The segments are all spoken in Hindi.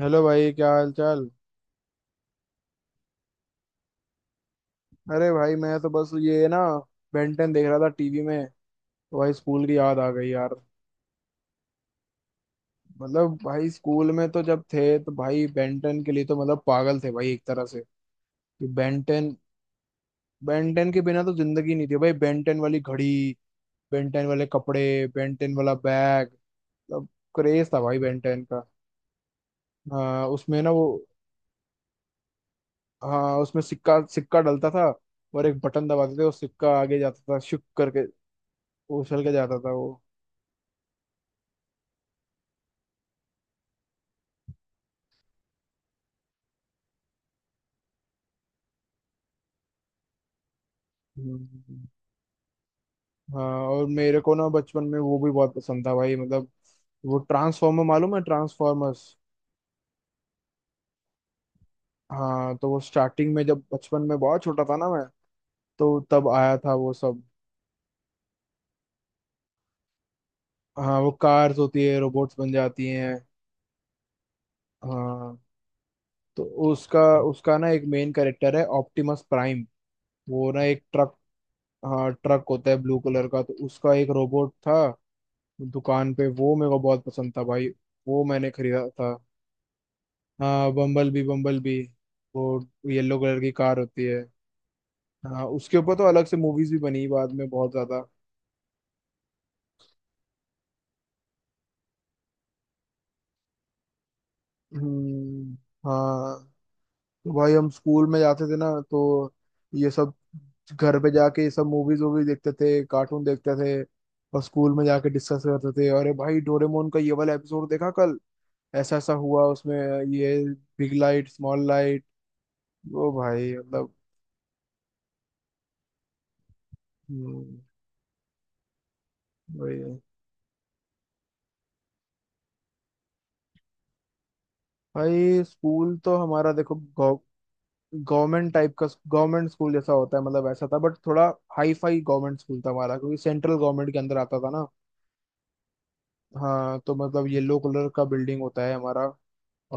हेलो भाई, क्या हाल चाल। अरे भाई, मैं तो बस ये ना, बेंटन देख रहा था टीवी में। तो भाई स्कूल की याद आ गई यार। मतलब भाई स्कूल में तो जब थे तो भाई बेंटन के लिए तो मतलब पागल थे भाई, एक तरह से कि बेंटन, बेंटन के बिना तो जिंदगी नहीं थी भाई। बेंटन वाली घड़ी, बेंटन वाले कपड़े, बेंटन वाला बैग। मतलब क्रेज था भाई बेंटन का। हाँ, उसमें ना वो, हाँ, उसमें सिक्का सिक्का डलता था। और एक बटन दबाते थे, वो सिक्का आगे जाता था शुक करके, उछल के जाता था वो। हम्म। हाँ, और मेरे को ना बचपन में वो भी बहुत पसंद था भाई। मतलब वो ट्रांसफॉर्मर, मालूम है ट्रांसफॉर्मर्स। हाँ, तो वो स्टार्टिंग में, जब बचपन में बहुत छोटा था ना मैं, तो तब आया था वो सब। हाँ, वो कार्स होती है रोबोट्स बन जाती हैं। हाँ, तो उसका उसका ना एक मेन कैरेक्टर है ऑप्टिमस प्राइम। वो ना एक ट्रक, हाँ, ट्रक होता है ब्लू कलर का। तो उसका एक रोबोट था दुकान पे, वो मेरे को बहुत पसंद था भाई। वो मैंने खरीदा था। हाँ, बम्बल बी, वो येलो कलर की कार होती है। हाँ, उसके ऊपर तो अलग से मूवीज भी बनी बाद में बहुत ज्यादा। हम्म, हाँ। तो भाई हम स्कूल में जाते थे ना, तो ये सब घर पे जाके ये सब मूवीज वूवीज देखते थे, कार्टून देखते थे। और स्कूल में जाके डिस्कस करते थे, अरे भाई डोरेमोन का ये वाला एपिसोड देखा कल, ऐसा ऐसा हुआ उसमें, ये बिग लाइट स्मॉल लाइट। वो भाई मतलब। हम्म, वही है। भाई स्कूल तो हमारा देखो, गवर्नमेंट टाइप का, गवर्नमेंट स्कूल जैसा होता है मतलब ऐसा था। बट थोड़ा हाई फाई गवर्नमेंट स्कूल था हमारा, क्योंकि सेंट्रल गवर्नमेंट के अंदर आता था ना। हाँ, तो मतलब येलो कलर का बिल्डिंग होता है हमारा।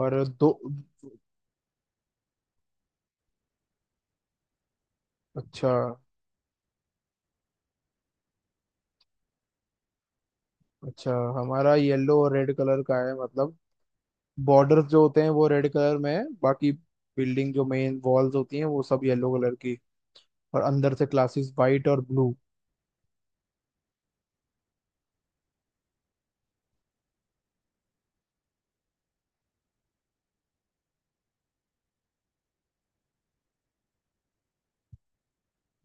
और दो, अच्छा अच्छा। हमारा येलो और रेड कलर का है। मतलब बॉर्डर्स जो होते हैं वो रेड कलर में है, बाकी बिल्डिंग, जो मेन वॉल्स होती हैं, वो सब येलो कलर की। और अंदर से क्लासेस वाइट और ब्लू।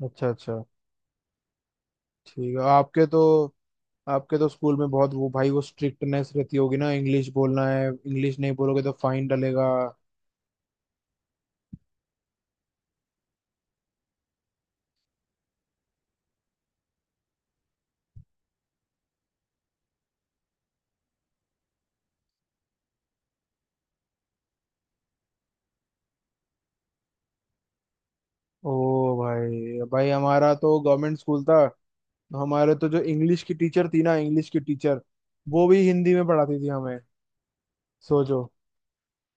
अच्छा अच्छा। ठीक है, आपके तो, आपके तो स्कूल में बहुत वो भाई, वो स्ट्रिक्टनेस रहती होगी ना, इंग्लिश बोलना है, इंग्लिश नहीं बोलोगे तो फाइन डलेगा। ओ भाई, भाई हमारा तो गवर्नमेंट स्कूल था। तो हमारे तो जो इंग्लिश की टीचर थी ना, इंग्लिश की टीचर, वो भी हिंदी में पढ़ाती थी हमें। सोचो।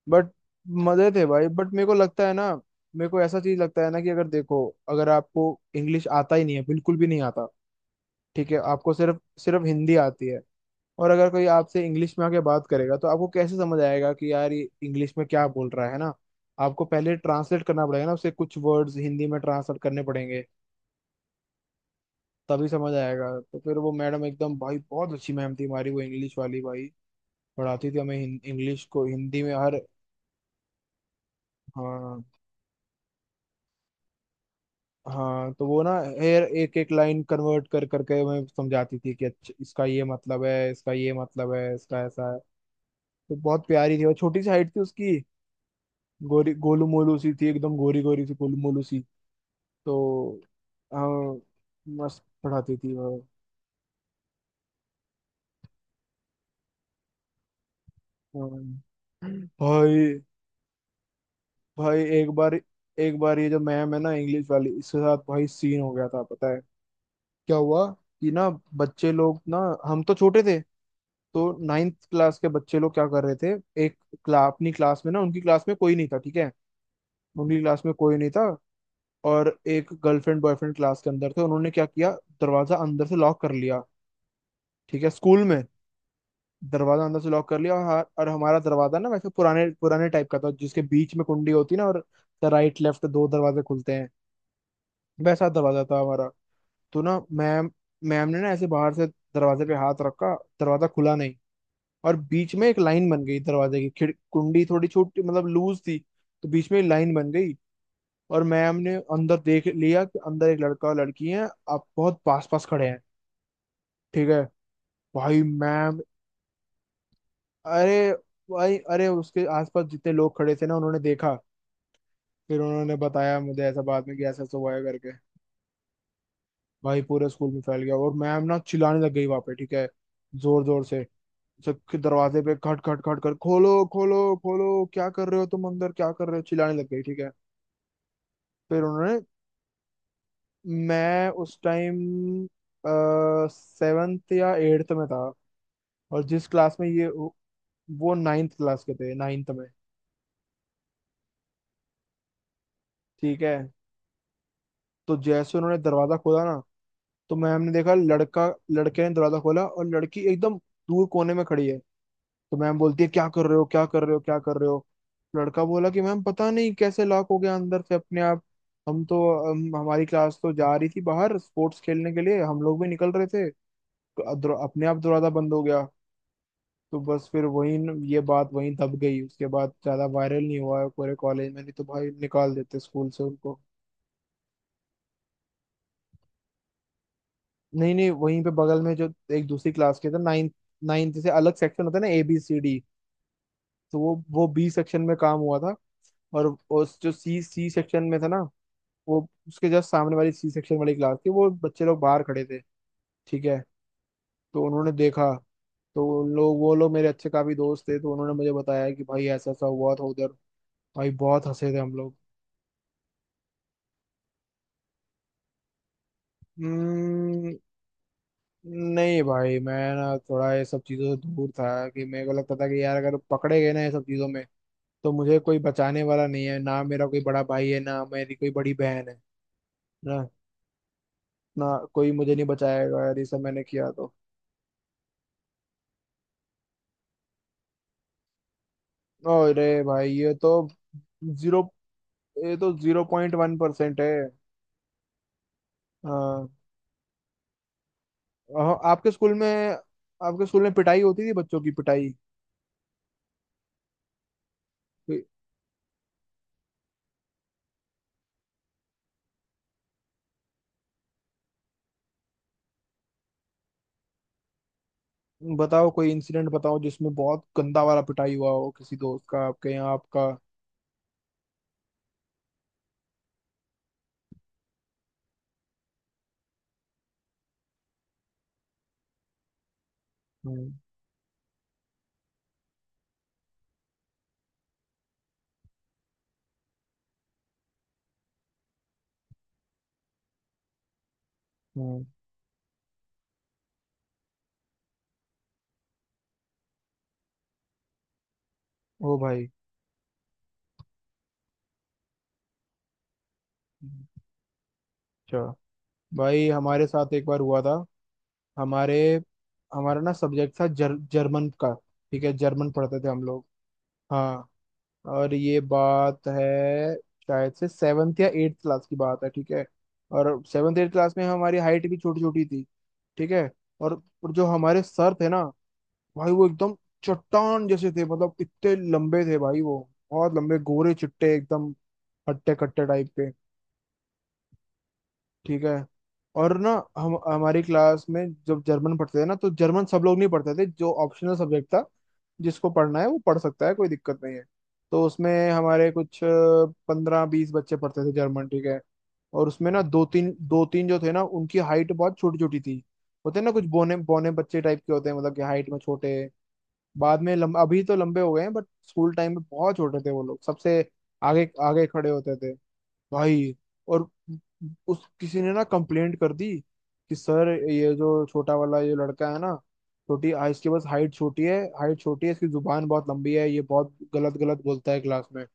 बट मजे थे भाई। बट मेरे को लगता है ना, मेरे को ऐसा चीज लगता है ना, कि अगर देखो, अगर आपको इंग्लिश आता ही नहीं है, बिल्कुल भी नहीं आता, ठीक है, आपको सिर्फ सिर्फ हिंदी आती है, और अगर कोई आपसे इंग्लिश में आके बात करेगा, तो आपको कैसे समझ आएगा कि यार ये इंग्लिश में क्या बोल रहा है ना। आपको पहले ट्रांसलेट करना पड़ेगा ना, उसे कुछ वर्ड्स हिंदी में ट्रांसलेट करने पड़ेंगे, तभी समझ आएगा। तो फिर वो मैडम एकदम, भाई बहुत अच्छी मैम थी हमारी, वो इंग्लिश वाली भाई। पढ़ाती थी हमें इंग्लिश को हिंदी में हर, हाँ हाँ, तो वो ना हर एक एक लाइन कन्वर्ट कर करके हमें समझाती थी कि अच्छा इसका ये मतलब है, इसका ये मतलब है, इसका ऐसा है। तो बहुत प्यारी थी। और छोटी सी हाइट थी उसकी, गोरी गोलू मोलू सी थी, एकदम गोरी गोरी सी, गोलू मोलू सी। तो हाँ, मस्त पढ़ाती थी वो। हाँ। भाई भाई एक बार, एक बार ये जो मैम है ना, इंग्लिश वाली, इसके साथ भाई सीन हो गया था, पता है क्या हुआ? कि ना, बच्चे लोग ना, हम तो छोटे थे, तो 9th क्लास के बच्चे लोग क्या कर रहे थे, एक अपनी क्लास में ना, उनकी क्लास में कोई नहीं था, ठीक है, उनकी क्लास में कोई नहीं था। और एक गर्लफ्रेंड बॉयफ्रेंड क्लास के अंदर थे। उन्होंने क्या किया, दरवाजा अंदर से लॉक कर लिया, ठीक है, स्कूल में दरवाजा अंदर से लॉक कर लिया। और हमारा दरवाजा ना वैसे पुराने पुराने टाइप का था, जिसके बीच में कुंडी होती है ना, और राइट लेफ्ट दो दरवाजे खुलते हैं। वैसा दरवाजा था हमारा। तो ना मैम, मैम ने ना ऐसे बाहर से दरवाजे पे हाथ रखा, दरवाजा खुला नहीं, और बीच में एक लाइन बन गई दरवाजे की, खिड़ कुंडी थोड़ी छोटी मतलब लूज थी, तो बीच में लाइन बन गई। और मैम ने अंदर देख लिया कि अंदर एक लड़का और लड़की है, आप बहुत पास पास खड़े हैं, ठीक है। भाई मैम, अरे भाई अरे, उसके आसपास जितने लोग खड़े थे ना, उन्होंने देखा, फिर उन्होंने बताया मुझे ऐसा बाद में कि ऐसा ऐसा हुआ है करके। भाई पूरे स्कूल में फैल गया। और मैम ना चिल्लाने लग गई वहां पे, ठीक है, जोर जोर से, सबके दरवाजे पे खट खट खट कर, खोलो खोलो खोलो, क्या कर रहे हो तुम अंदर, क्या कर रहे हो, चिल्लाने लग गई, ठीक है। फिर उन्होंने, मैं उस टाइम सेवेंथ या एट्थ में था, और जिस क्लास में ये, वो 9th क्लास के थे, नाइन्थ में, ठीक है। तो जैसे उन्होंने दरवाजा खोला ना, तो मैम ने देखा लड़का, लड़के ने दरवाजा खोला, और लड़की एकदम दूर कोने में खड़ी है। तो मैम बोलती है, क्या कर रहे हो, क्या कर रहे हो, क्या कर रहे हो। लड़का बोला कि मैम पता नहीं कैसे लॉक हो गया अंदर से अपने आप, हम तो, हमारी क्लास तो जा रही थी बाहर स्पोर्ट्स खेलने के लिए, हम लोग भी निकल रहे थे, तो अपने आप दरवाजा बंद हो गया। तो बस फिर वही ये बात वहीं दब गई, उसके बाद ज्यादा वायरल नहीं हुआ है पूरे कॉलेज में, नहीं तो भाई निकाल देते स्कूल से उनको। नहीं नहीं, वहीं पे बगल में जो एक दूसरी क्लास के थे, नाइन्थ, नाइन्थ से अलग सेक्शन होता है ना, A B C D। तो वो बी सेक्शन में काम हुआ था। और उस जो सी सी सेक्शन में था ना, वो उसके जस्ट सामने वाली सी सेक्शन वाली क्लास थी, वो बच्चे लोग बाहर खड़े थे, ठीक है, तो उन्होंने देखा। तो उन लोग, वो लोग मेरे अच्छे काफी दोस्त थे, तो उन्होंने मुझे बताया कि भाई ऐसा ऐसा हुआ था उधर। भाई बहुत हंसे थे हम लोग। हम्म। नहीं भाई, मैं ना थोड़ा ये सब चीजों से दूर था, कि मेरे को लगता था कि यार अगर पकड़े गए ना ये सब चीजों में, तो मुझे कोई बचाने वाला नहीं है। ना मेरा कोई बड़ा भाई है, ना मेरी कोई बड़ी बहन है, ना, ना। कोई मुझे नहीं बचाएगा यार, ये सब मैंने किया तो। अरे भाई, ये तो जीरो ये तो 0.1% है। हाँ। आपके स्कूल में, आपके स्कूल में पिटाई होती थी, बच्चों की पिटाई, कोई- बताओ कोई इंसिडेंट बताओ जिसमें बहुत गंदा वाला पिटाई हुआ हो किसी दोस्त का आपके यहाँ आपका। हम्म हम्म। ओ भाई, अच्छा। भाई हमारे साथ एक बार हुआ था, हमारे, हमारा ना सब्जेक्ट था जर्मन का, ठीक है, जर्मन पढ़ते थे हम लोग। हाँ। और ये बात है शायद से सेवन्थ या एट्थ क्लास की बात है, ठीक है। और सेवन्थ एट्थ क्लास में हमारी हाइट भी छोटी छोटी थी, ठीक है। और और जो हमारे सर थे ना, भाई वो एकदम चट्टान जैसे थे, मतलब इतने लंबे थे भाई वो, बहुत लंबे, गोरे चिट्टे एकदम, हट्टे कट्टे टाइप के, ठीक है। और ना, हम हमारी क्लास में जब जर्मन पढ़ते थे ना, तो जर्मन सब लोग नहीं पढ़ते थे, जो ऑप्शनल सब्जेक्ट था, जिसको पढ़ना है वो पढ़ सकता है, कोई दिक्कत नहीं है। तो उसमें हमारे कुछ 15-20 बच्चे पढ़ते थे जर्मन, ठीक है। और उसमें ना 2-3, 2-3 जो थे ना, उनकी हाइट बहुत छोटी छोटी थी। होते हैं ना कुछ बौने बौने बच्चे टाइप के, होते हैं मतलब कि हाइट में छोटे, बाद में अभी तो लंबे हो गए हैं, बट स्कूल टाइम में बहुत छोटे थे वो लोग। सबसे आगे आगे खड़े होते थे भाई। और उस किसी ने ना कंप्लेंट कर दी कि सर ये जो छोटा वाला ये लड़का है ना, इसके बस हाइट छोटी है, हाइट छोटी है, इसकी जुबान बहुत लंबी है, ये बहुत गलत गलत बोलता है क्लास में।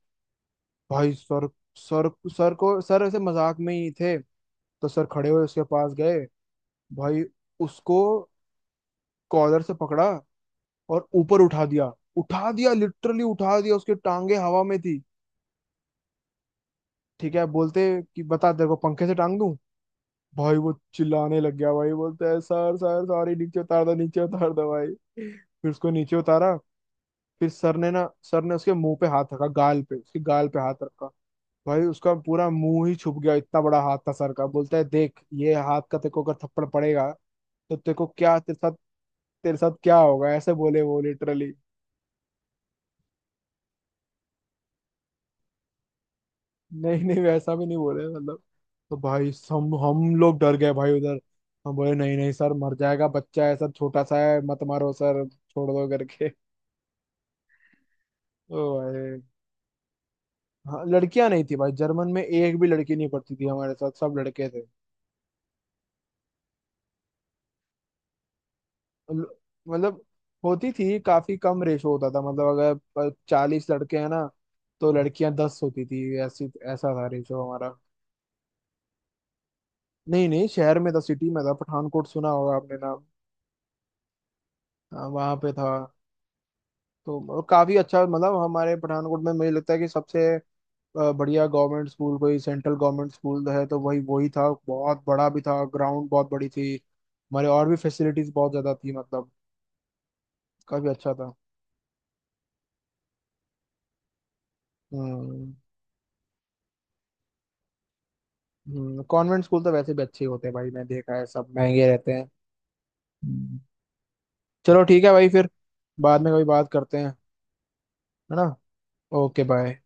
भाई सर, सर सर को, सर ऐसे मजाक में ही थे, तो सर खड़े हुए उसके पास गए, भाई उसको कॉलर से पकड़ा और ऊपर उठा दिया, उठा दिया लिटरली, उठा दिया, उसके टांगे हवा में थी, ठीक है। बोलते कि बता तेरे को पंखे से टांग दूं। भाई वो चिल्लाने लग गया, भाई बोलता है सर सर सॉरी नीचे उतार दो, नीचे उतार दो भाई। फिर उसको नीचे उतारा। फिर सर ने ना, सर ने उसके मुंह पे हाथ रखा, गाल पे, उसके गाल पे हाथ रखा। भाई उसका पूरा मुंह ही छुप गया, इतना बड़ा हाथ था सर का। बोलता है, देख ये हाथ का तेरे को अगर थप्पड़ पड़ेगा तो तेरे को क्या, तेरे साथ, तेरे साथ क्या होगा, ऐसे बोले वो, लिटरली। नहीं नहीं, वैसा भी नहीं बोले मतलब। तो भाई हम लोग डर गए भाई उधर। हम बोले नहीं नहीं सर मर जाएगा, बच्चा है सर, छोटा सा है, मत मारो सर, छोड़ दो करके। ओ भाई। हाँ लड़कियां नहीं थी भाई, जर्मन में एक भी लड़की नहीं पढ़ती थी हमारे साथ, सब लड़के थे। ल- मतलब, होती थी काफी कम, रेशो होता था। मतलब अगर 40 लड़के हैं ना, तो लड़कियां 10 होती थी, ऐसी, ऐसा था रेशो हमारा। नहीं नहीं, शहर में था, सिटी में था, पठानकोट, सुना होगा आपने नाम। हाँ, वहाँ पे था। तो काफी अच्छा, मतलब हमारे पठानकोट में मुझे लगता है कि सबसे बढ़िया गवर्नमेंट स्कूल कोई सेंट्रल गवर्नमेंट स्कूल है तो वही, वही था, बहुत बड़ा भी था, ग्राउंड बहुत बड़ी थी हमारे, और भी फैसिलिटीज बहुत ज्यादा थी मतलब, काफी अच्छा था। हम्म। कॉन्वेंट स्कूल तो वैसे भी अच्छे होते हैं भाई, मैं देखा है, सब महंगे रहते हैं। हम्म। चलो ठीक है भाई, फिर बाद में कभी बात करते हैं, है ना। Okay bye.